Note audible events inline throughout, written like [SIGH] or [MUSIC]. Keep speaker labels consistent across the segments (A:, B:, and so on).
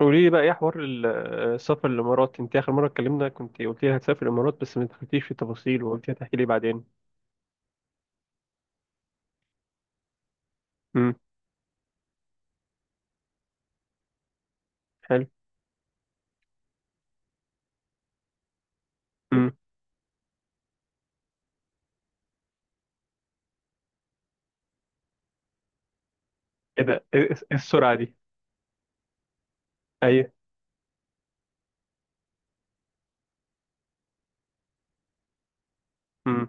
A: قولي لي بقى ايه حوار السفر الامارات؟ انت اخر مره اتكلمنا كنت قلت لي هتسافر الامارات، بس ما دخلتيش في التفاصيل وقلت لي هتحكي لي بعدين. امم. حلو. امم. ايه ده؟ ايه إيه إيه السرعه دي؟ ايوه. امم.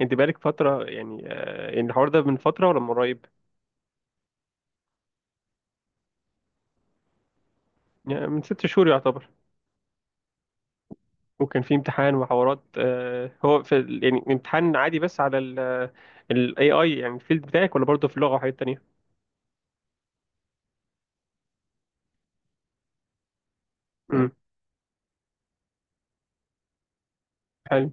A: انت بقالك فتره، يعني يعني الحوار ده من فتره ولا من قريب؟ يعني من 6 شهور يعتبر؟ وكان في امتحان وحوارات، هو في يعني امتحان عادي بس على الاي اي، يعني الفيلد بتاعك، ولا برضه في اللغه وحاجات تانية؟ امم. حلو.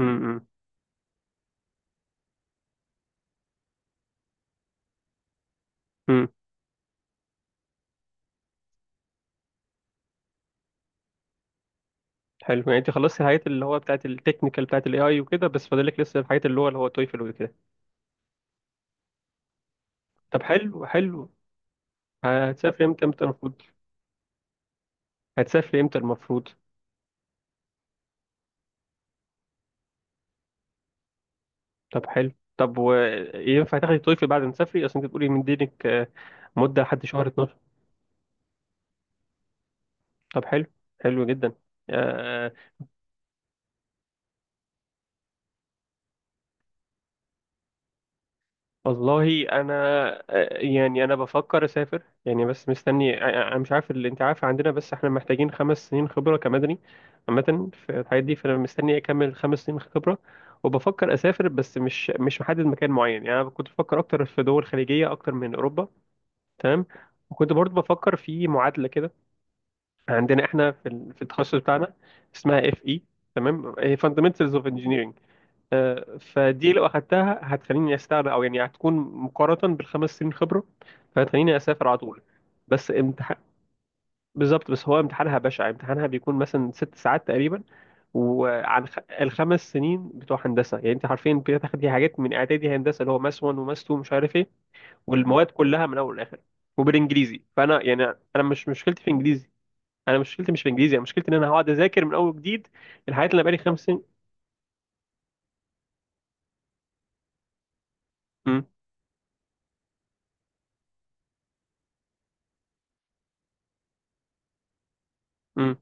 A: امم. حلو، يعني انت خلصتي الحاجات اللي هو بتاعت التكنيكال بتاعت الاي اي وكده، بس فاضلك لسه الحاجات اللي هو تويفل وكده؟ طب حلو. حلو. هتسافري امتى المفروض؟ هتسافري امتى المفروض؟ طب حلو. طب وينفع تاخدي تويفل بعد ما تسافري؟ اصل انت بتقولي من دينك مدة لحد شهر 12. طب حلو. حلو جدا. آه، والله انا، يعني انا بفكر اسافر يعني، بس مستني. انا مش عارف، اللي انت عارف عندنا، بس احنا محتاجين 5 سنين خبره كمدني عامه في الحاجات دي، فانا مستني اكمل 5 سنين خبره. وبفكر اسافر، بس مش محدد مكان معين، يعني انا كنت بفكر اكتر في دول خليجيه اكتر من اوروبا. تمام. وكنت برضو بفكر في معادله كده عندنا احنا في في التخصص بتاعنا، اسمها اف اي، تمام، فاندمنتالز اوف انجينيرنج. فدي لو اخدتها هتخليني استغنى، او يعني هتكون مقارنة بالخمس سنين خبرة، فهتخليني اسافر على طول. بس امتحان. بالظبط، بس هو امتحانها بشع، امتحانها بيكون مثلا 6 ساعات تقريبا، وعن ال5 سنين بتوع هندسة، يعني انت عارفين بتاخدي حاجات من اعدادي هندسة، اللي هو ماس 1 وماس 2، مش عارف ايه، والمواد كلها من اول لاخر وبالانجليزي، فانا يعني انا مش مشكلتي في انجليزي، انا مشكلتي مش في انجليزي، انا مشكلتي ان انا هقعد اذاكر من اول جديد الحاجات اللي أنا بقالي 5 سنين. امم.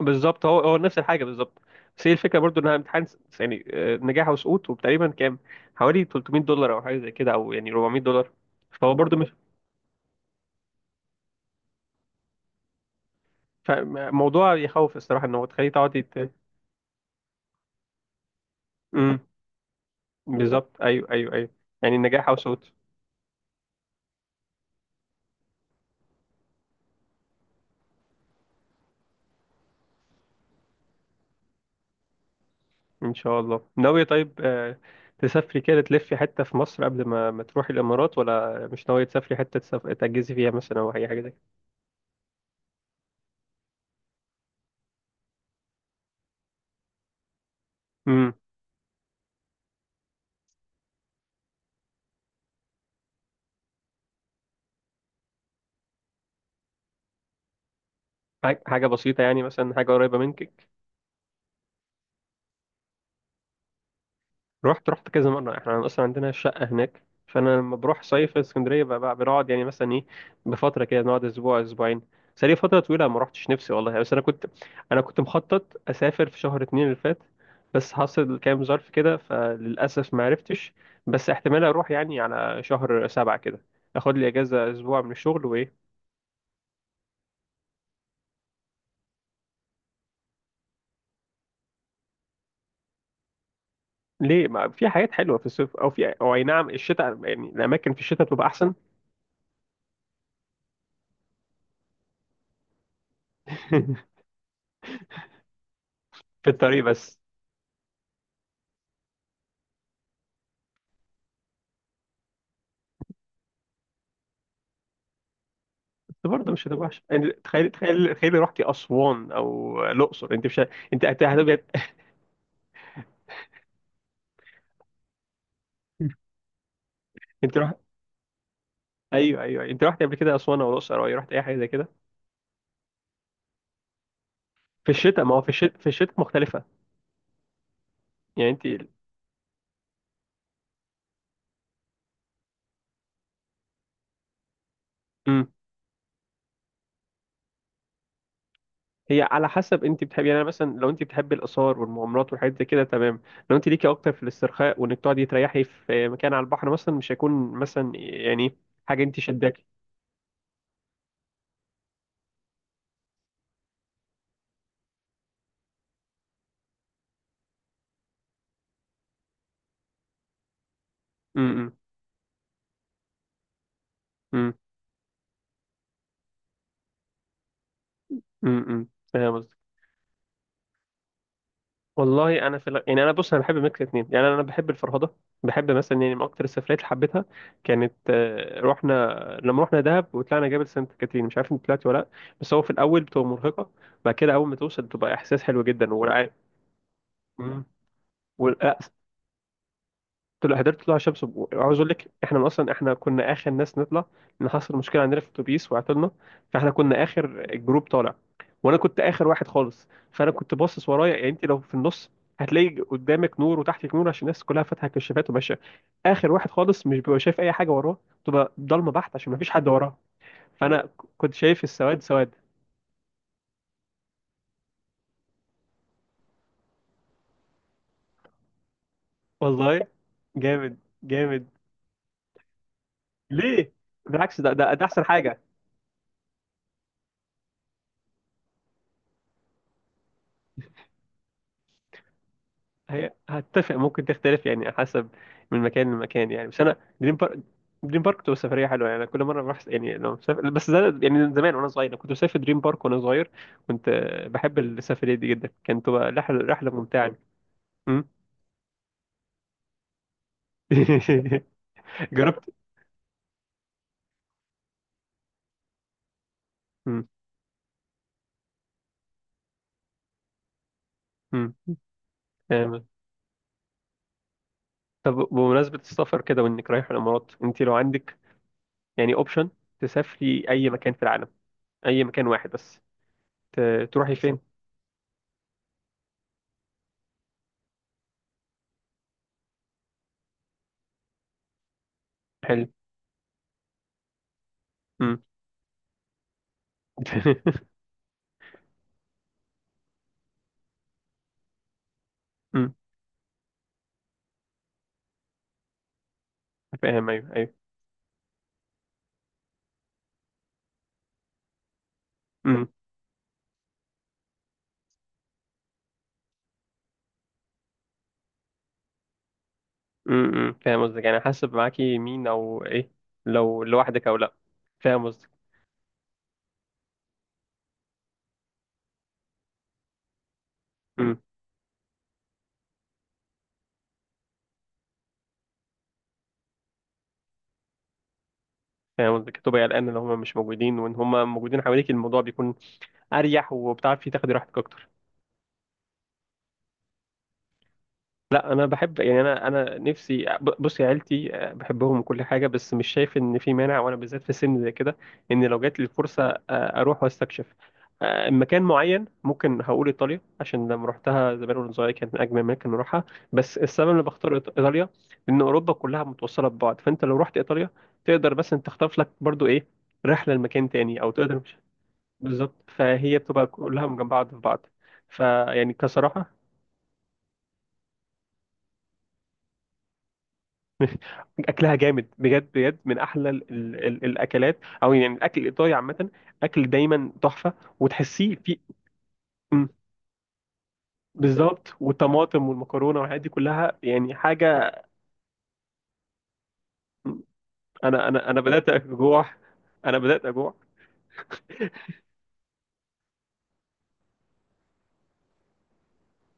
A: بالظبط، هو هو نفس الحاجه بالظبط، بس هي الفكره برضو انها امتحان يعني نجاح وسقوط، وتقريبا كام؟ حوالي 300 دولار او حاجه زي كده، او يعني 400 دولار. فهو برضو مش ف- موضوع يخوف الصراحه، ان هو تخليه تقعدي امم. بالظبط، ايوه ايوه ايوه، يعني نجاح وسقوط. ان شاء الله ناويه، طيب تسافري كده تلفي حته في مصر قبل ما تروحي الامارات، ولا مش ناويه تسافري حته تجهزي فيها مثلا، او اي حاجه زي كده؟ امم. حاجه بسيطه، يعني مثلا حاجه قريبه منك. رحت كذا مرة، احنا اصلا عندنا شقة هناك، فانا لما بروح صيف في اسكندرية بقى بنقعد يعني مثلا ايه بفترة كده، نقعد اسبوع اسبوعين. بس لي فترة طويلة ما رحتش نفسي والله، بس انا كنت مخطط اسافر في شهر 2 اللي فات، بس حصل كام ظرف كده فللاسف ما عرفتش. بس احتمال اروح يعني على شهر 7 كده، اخد لي اجازة اسبوع من الشغل وايه. ليه؟ ما في حاجات حلوة في الصيف، او في او اي نعم الشتاء، يعني الاماكن في الشتاء بتبقى احسن. [LAUGHS] في الطريق بس. بس برضه مش هتبقى وحشه، يعني تخيلي تخيلي تخيلي رحتي اسوان او الاقصر، انت مش انت هتبقى. [LAUGHS] انت رحت؟ ايوه ايوه، انت رحت قبل كده اسوان او الاقصر، او رحت اي حاجه زي كده؟ في الشتاء، ما هو في الشتاء مختلفه. يعني انت. امم. هي على حسب انت بتحبي، يعني أنا مثلا لو انت بتحبي الاثار والمغامرات والحاجات زي كده، تمام، لو انت ليكي اكتر في الاسترخاء وانك تقعدي تريحي في مكان على البحر مثلا، مش هيكون مثلا يعني حاجه انت شداكي. امم. امم. امم. امم. والله انا في يعني انا بص، انا بحب ميكس اتنين، يعني انا بحب الفرهده، بحب مثلا، يعني من اكتر السفريات اللي حبيتها كانت، رحنا، لما رحنا دهب وطلعنا جبل سانت كاترين، مش عارف انت طلعت ولا لا، بس هو في الاول بتبقى مرهقه، بعد كده اول ما توصل بتبقى احساس حلو جدا، ولا. مم. ولا قلت له حضرت طلوع شمس، وعاوز اقول لك احنا اصلا، كنا اخر ناس نطلع، لان حصل مشكله عندنا في الاتوبيس وعطلنا، فاحنا كنا اخر الجروب طالع، وانا كنت اخر واحد خالص، فانا كنت باصص ورايا، يعني انت لو في النص هتلاقي قدامك نور وتحتك نور عشان الناس كلها فاتحه كشافات وماشيه، اخر واحد خالص مش بيبقى شايف اي حاجه وراه، بتبقى ضلمه بحت عشان مفيش حد وراه، فانا كنت شايف السواد سواد. والله جامد، جامد. ليه؟ بالعكس، ده احسن حاجه. هي هتفق، ممكن تختلف يعني حسب من مكان لمكان، يعني بس انا دريم بارك، دريم بارك بتبقى سفريه حلوه، يعني أنا كل مره بروح، يعني لو مسافر، بس ده يعني زمان وانا صغير، أنا كنت بسافر دريم بارك وانا صغير، كنت بحب السفريه دي جدا، كانت تبقى رحله، ممتعه. أمم. [LAUGHS] جربت؟ أمم. أمم. آه، طب بمناسبه السفر كده وانك رايح الامارات، انت لو عندك يعني اوبشن تسافري اي مكان في العالم، اي مكان واحد بس، تروحي فين؟ حلو. أمم. [LAUGHS] أمم. فاهم، ايوه ايوه. امم. امم. فاهم قصدك، يعني حاسب معاكي مين او ايه لو لوحدك او لا، فاهم قصدك. امم. فاهم قصدك، تبقى قلقان ان هم مش موجودين، وان هم موجودين حواليك الموضوع بيكون اريح، وبتعرفي تاخدي راحتك اكتر. لا انا بحب، يعني انا نفسي، بصي عيلتي بحبهم وكل حاجه، بس مش شايف ان في مانع، وانا بالذات في سن زي كده، ان لو جات لي الفرصه اروح واستكشف مكان معين. ممكن هقول ايطاليا، عشان لما روحتها زمان وانا صغير كانت من اجمل اماكن نروحها، بس السبب اللي بختار ايطاليا ان اوروبا كلها متوصله ببعض، فانت لو رحت ايطاليا تقدر، بس انت تخطف لك برضو ايه، رحله لمكان تاني، او تقدر مش. بالظبط، فهي بتبقى كلها من جنب بعض في بعض، فيعني كصراحه اكلها جامد بجد بجد، من احلى ال ال ال الاكلات، او يعني الاكل الايطالي عامه، اكل دايما تحفه، وتحسيه في. مم، بالظبط، والطماطم والمكرونه والحاجات دي كلها يعني حاجه. انا بدات اجوع. انا بدات اجوع.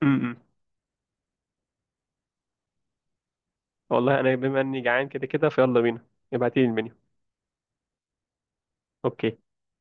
A: امم. إمم. والله انا بما اني جعان كده كده، فيلا بينا. ابعتيلي المنيو. اوكي